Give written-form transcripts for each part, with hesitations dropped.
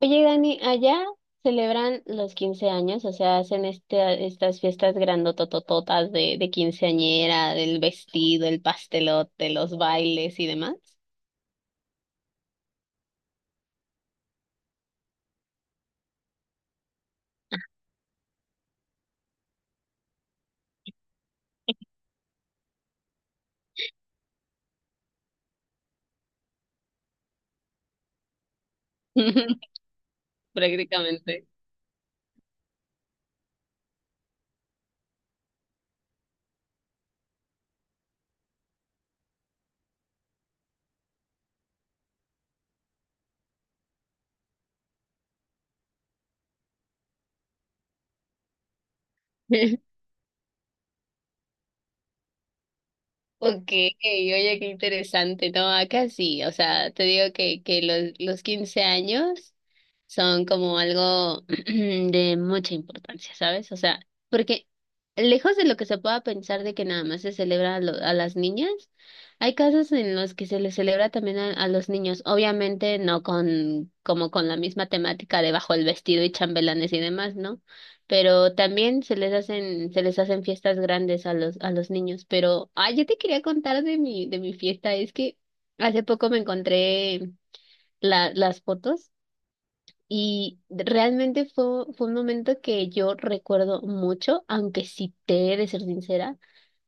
Oye, Dani, allá celebran los 15 años. O sea, hacen estas fiestas grandototototas de quinceañera, del vestido, el pastelote, los bailes y demás. Prácticamente. Ok, oye, qué interesante. No, acá sí, o sea, te digo que los 15 años son como algo de mucha importancia, ¿sabes? O sea, porque lejos de lo que se pueda pensar de que nada más se celebra a las niñas, hay casos en los que se les celebra también a los niños, obviamente no con como con la misma temática de bajo el vestido y chambelanes y demás, ¿no? Pero también se les hacen fiestas grandes a los niños. Pero, ah, yo te quería contar de mi fiesta. Es que hace poco me encontré las fotos y realmente fue un momento que yo recuerdo mucho, aunque sí te he de ser sincera.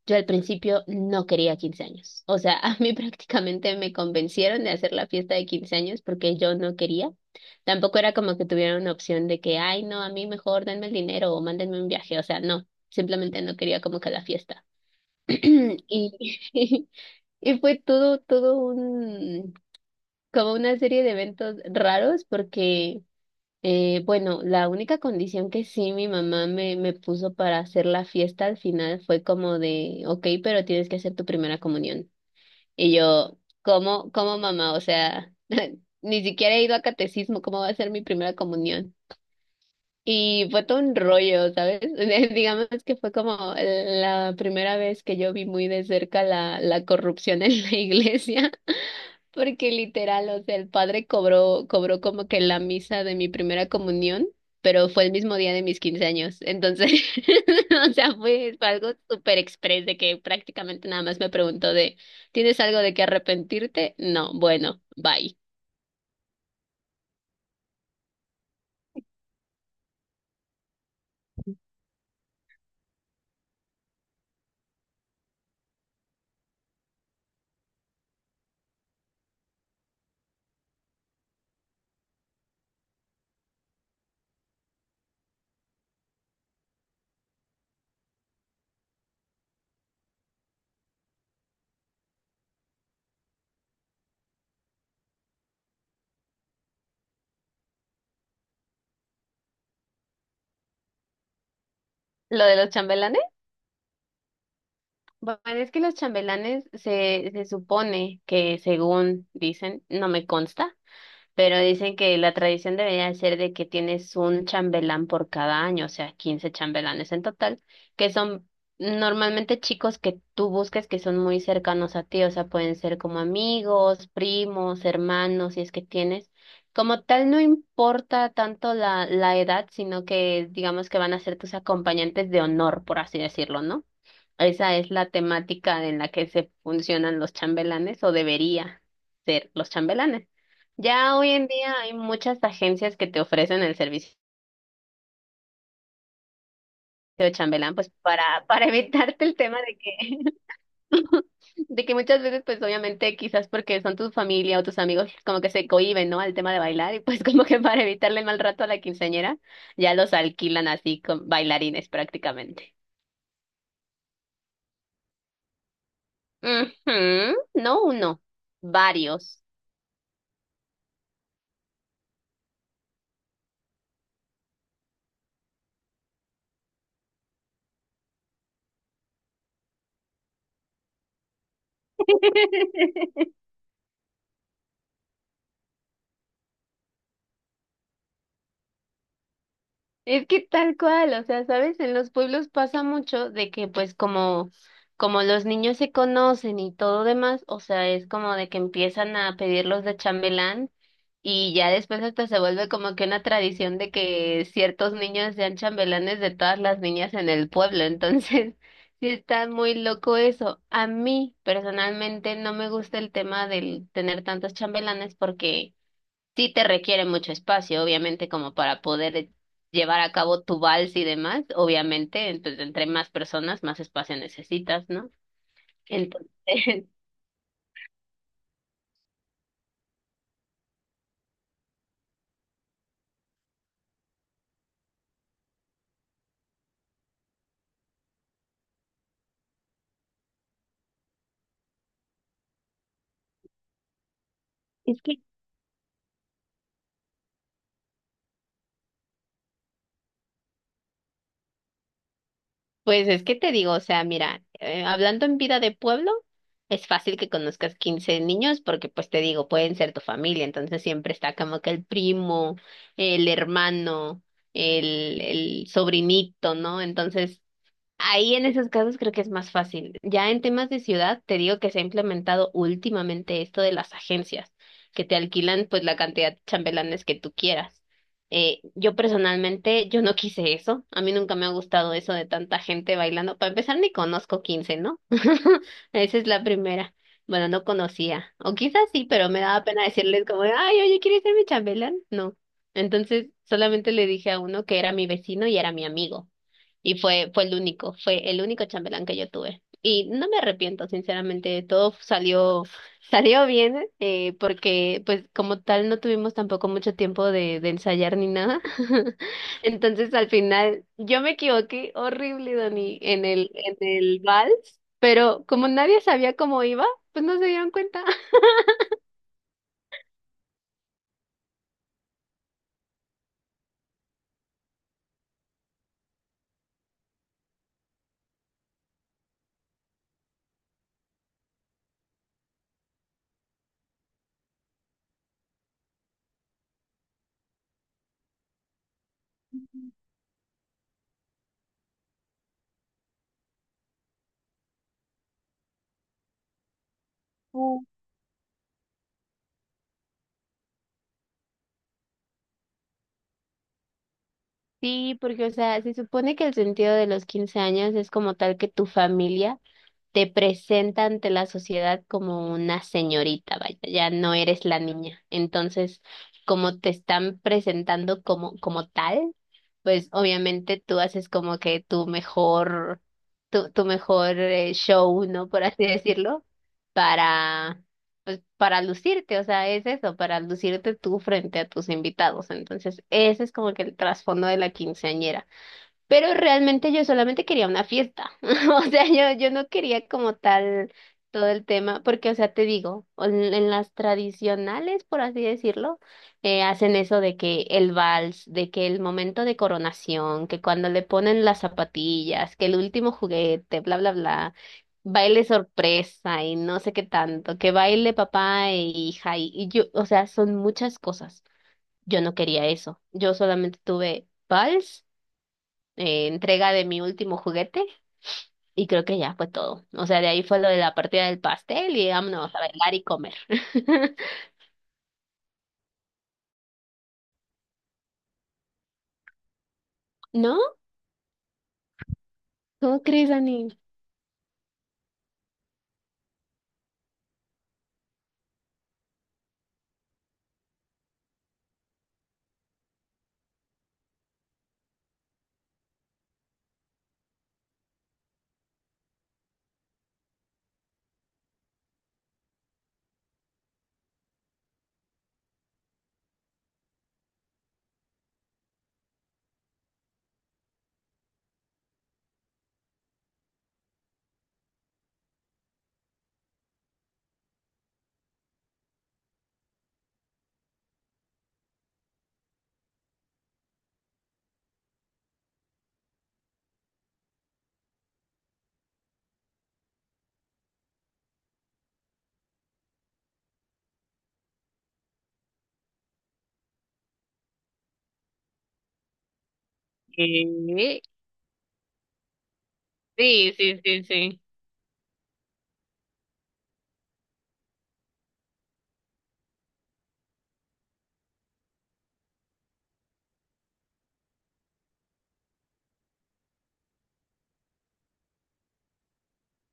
Yo al principio no quería 15 años. O sea, a mí prácticamente me convencieron de hacer la fiesta de 15 años porque yo no quería. Tampoco era como que tuviera una opción de que, ay, no, a mí mejor denme el dinero o mándenme un viaje. O sea, no, simplemente no quería como que la fiesta. Y, y fue todo un, como una serie de eventos raros porque bueno, la única condición que sí mi mamá me puso para hacer la fiesta al final fue como de, ok, pero tienes que hacer tu primera comunión. Y yo, cómo, mamá? O sea, ni siquiera he ido a catecismo, ¿cómo va a ser mi primera comunión? Y fue todo un rollo, ¿sabes? Digamos que fue como la primera vez que yo vi muy de cerca la corrupción en la iglesia. Porque literal, o sea, el padre cobró como que la misa de mi primera comunión, pero fue el mismo día de mis 15 años. Entonces, o sea, fue algo súper express de que prácticamente nada más me preguntó de, ¿tienes algo de qué arrepentirte? No, bueno, bye. Lo de los chambelanes, bueno, es que los chambelanes se supone que, según dicen, no me consta, pero dicen que la tradición debería ser de que tienes un chambelán por cada año, o sea, 15 chambelanes en total, que son normalmente chicos que tú busques que son muy cercanos a ti. O sea, pueden ser como amigos, primos, hermanos, si es que tienes. Como tal, no importa tanto la edad, sino que digamos que van a ser tus acompañantes de honor, por así decirlo, ¿no? Esa es la temática en la que se funcionan los chambelanes o debería ser los chambelanes. Ya hoy en día hay muchas agencias que te ofrecen el servicio de chambelán, pues para evitarte el tema de que, de que muchas veces, pues obviamente quizás porque son tu familia o tus amigos como que se cohíben, ¿no? Al tema de bailar y pues como que para evitarle el mal rato a la quinceañera, ya los alquilan así con bailarines prácticamente. Ujú. No uno, varios. Es que tal cual, o sea, ¿sabes? En los pueblos pasa mucho de que pues como los niños se conocen y todo demás. O sea, es como de que empiezan a pedirlos de chambelán y ya después hasta se vuelve como que una tradición de que ciertos niños sean chambelanes de todas las niñas en el pueblo. Entonces, sí está muy loco eso. A mí personalmente no me gusta el tema del tener tantos chambelanes porque sí te requiere mucho espacio, obviamente, como para poder llevar a cabo tu vals y demás, obviamente. Entonces, entre más personas, más espacio necesitas, ¿no? Entonces, es que, pues es que te digo, o sea, mira, hablando en vida de pueblo, es fácil que conozcas 15 niños porque, pues te digo, pueden ser tu familia, entonces siempre está como que el primo, el hermano, el sobrinito, ¿no? Entonces, ahí en esos casos creo que es más fácil. Ya en temas de ciudad, te digo que se ha implementado últimamente esto de las agencias que te alquilan pues la cantidad de chambelanes que tú quieras. Yo personalmente, yo no quise eso. A mí nunca me ha gustado eso de tanta gente bailando. Para empezar, ni conozco 15, ¿no? Esa es la primera. Bueno, no conocía. O quizás sí, pero me daba pena decirles como, ay, oye, ¿quieres ser mi chambelán? No. Entonces, solamente le dije a uno que era mi vecino y era mi amigo. Y fue el único chambelán que yo tuve. Y no me arrepiento, sinceramente, todo salió, salió bien, porque pues como tal no tuvimos tampoco mucho tiempo de ensayar ni nada. Entonces al final yo me equivoqué horrible, Dani, en en el vals, pero como nadie sabía cómo iba, pues no se dieron cuenta. Uh, sí, porque, o sea, se supone que el sentido de los 15 años es como tal que tu familia te presenta ante la sociedad como una señorita, vaya, ya no eres la niña. Entonces, como te están presentando como tal, pues obviamente tú haces como que tu mejor show, ¿no? Por así decirlo, para, pues, para lucirte, o sea, es eso, para lucirte tú frente a tus invitados. Entonces, ese es como que el trasfondo de la quinceañera. Pero realmente yo solamente quería una fiesta. O sea, yo no quería como tal todo el tema, porque, o sea, te digo, en las tradicionales, por así decirlo, hacen eso de que el vals, de que el momento de coronación, que cuando le ponen las zapatillas, que el último juguete, bla, bla, bla, baile sorpresa y no sé qué tanto, que baile papá e hija y yo, o sea, son muchas cosas. Yo no quería eso. Yo solamente tuve vals, entrega de mi último juguete, y creo que ya fue todo. O sea, de ahí fue lo de la partida del pastel y vámonos a bailar y comer. ¿No? ¿Cómo crees, Dani? Eh, Sí, sí, sí, sí.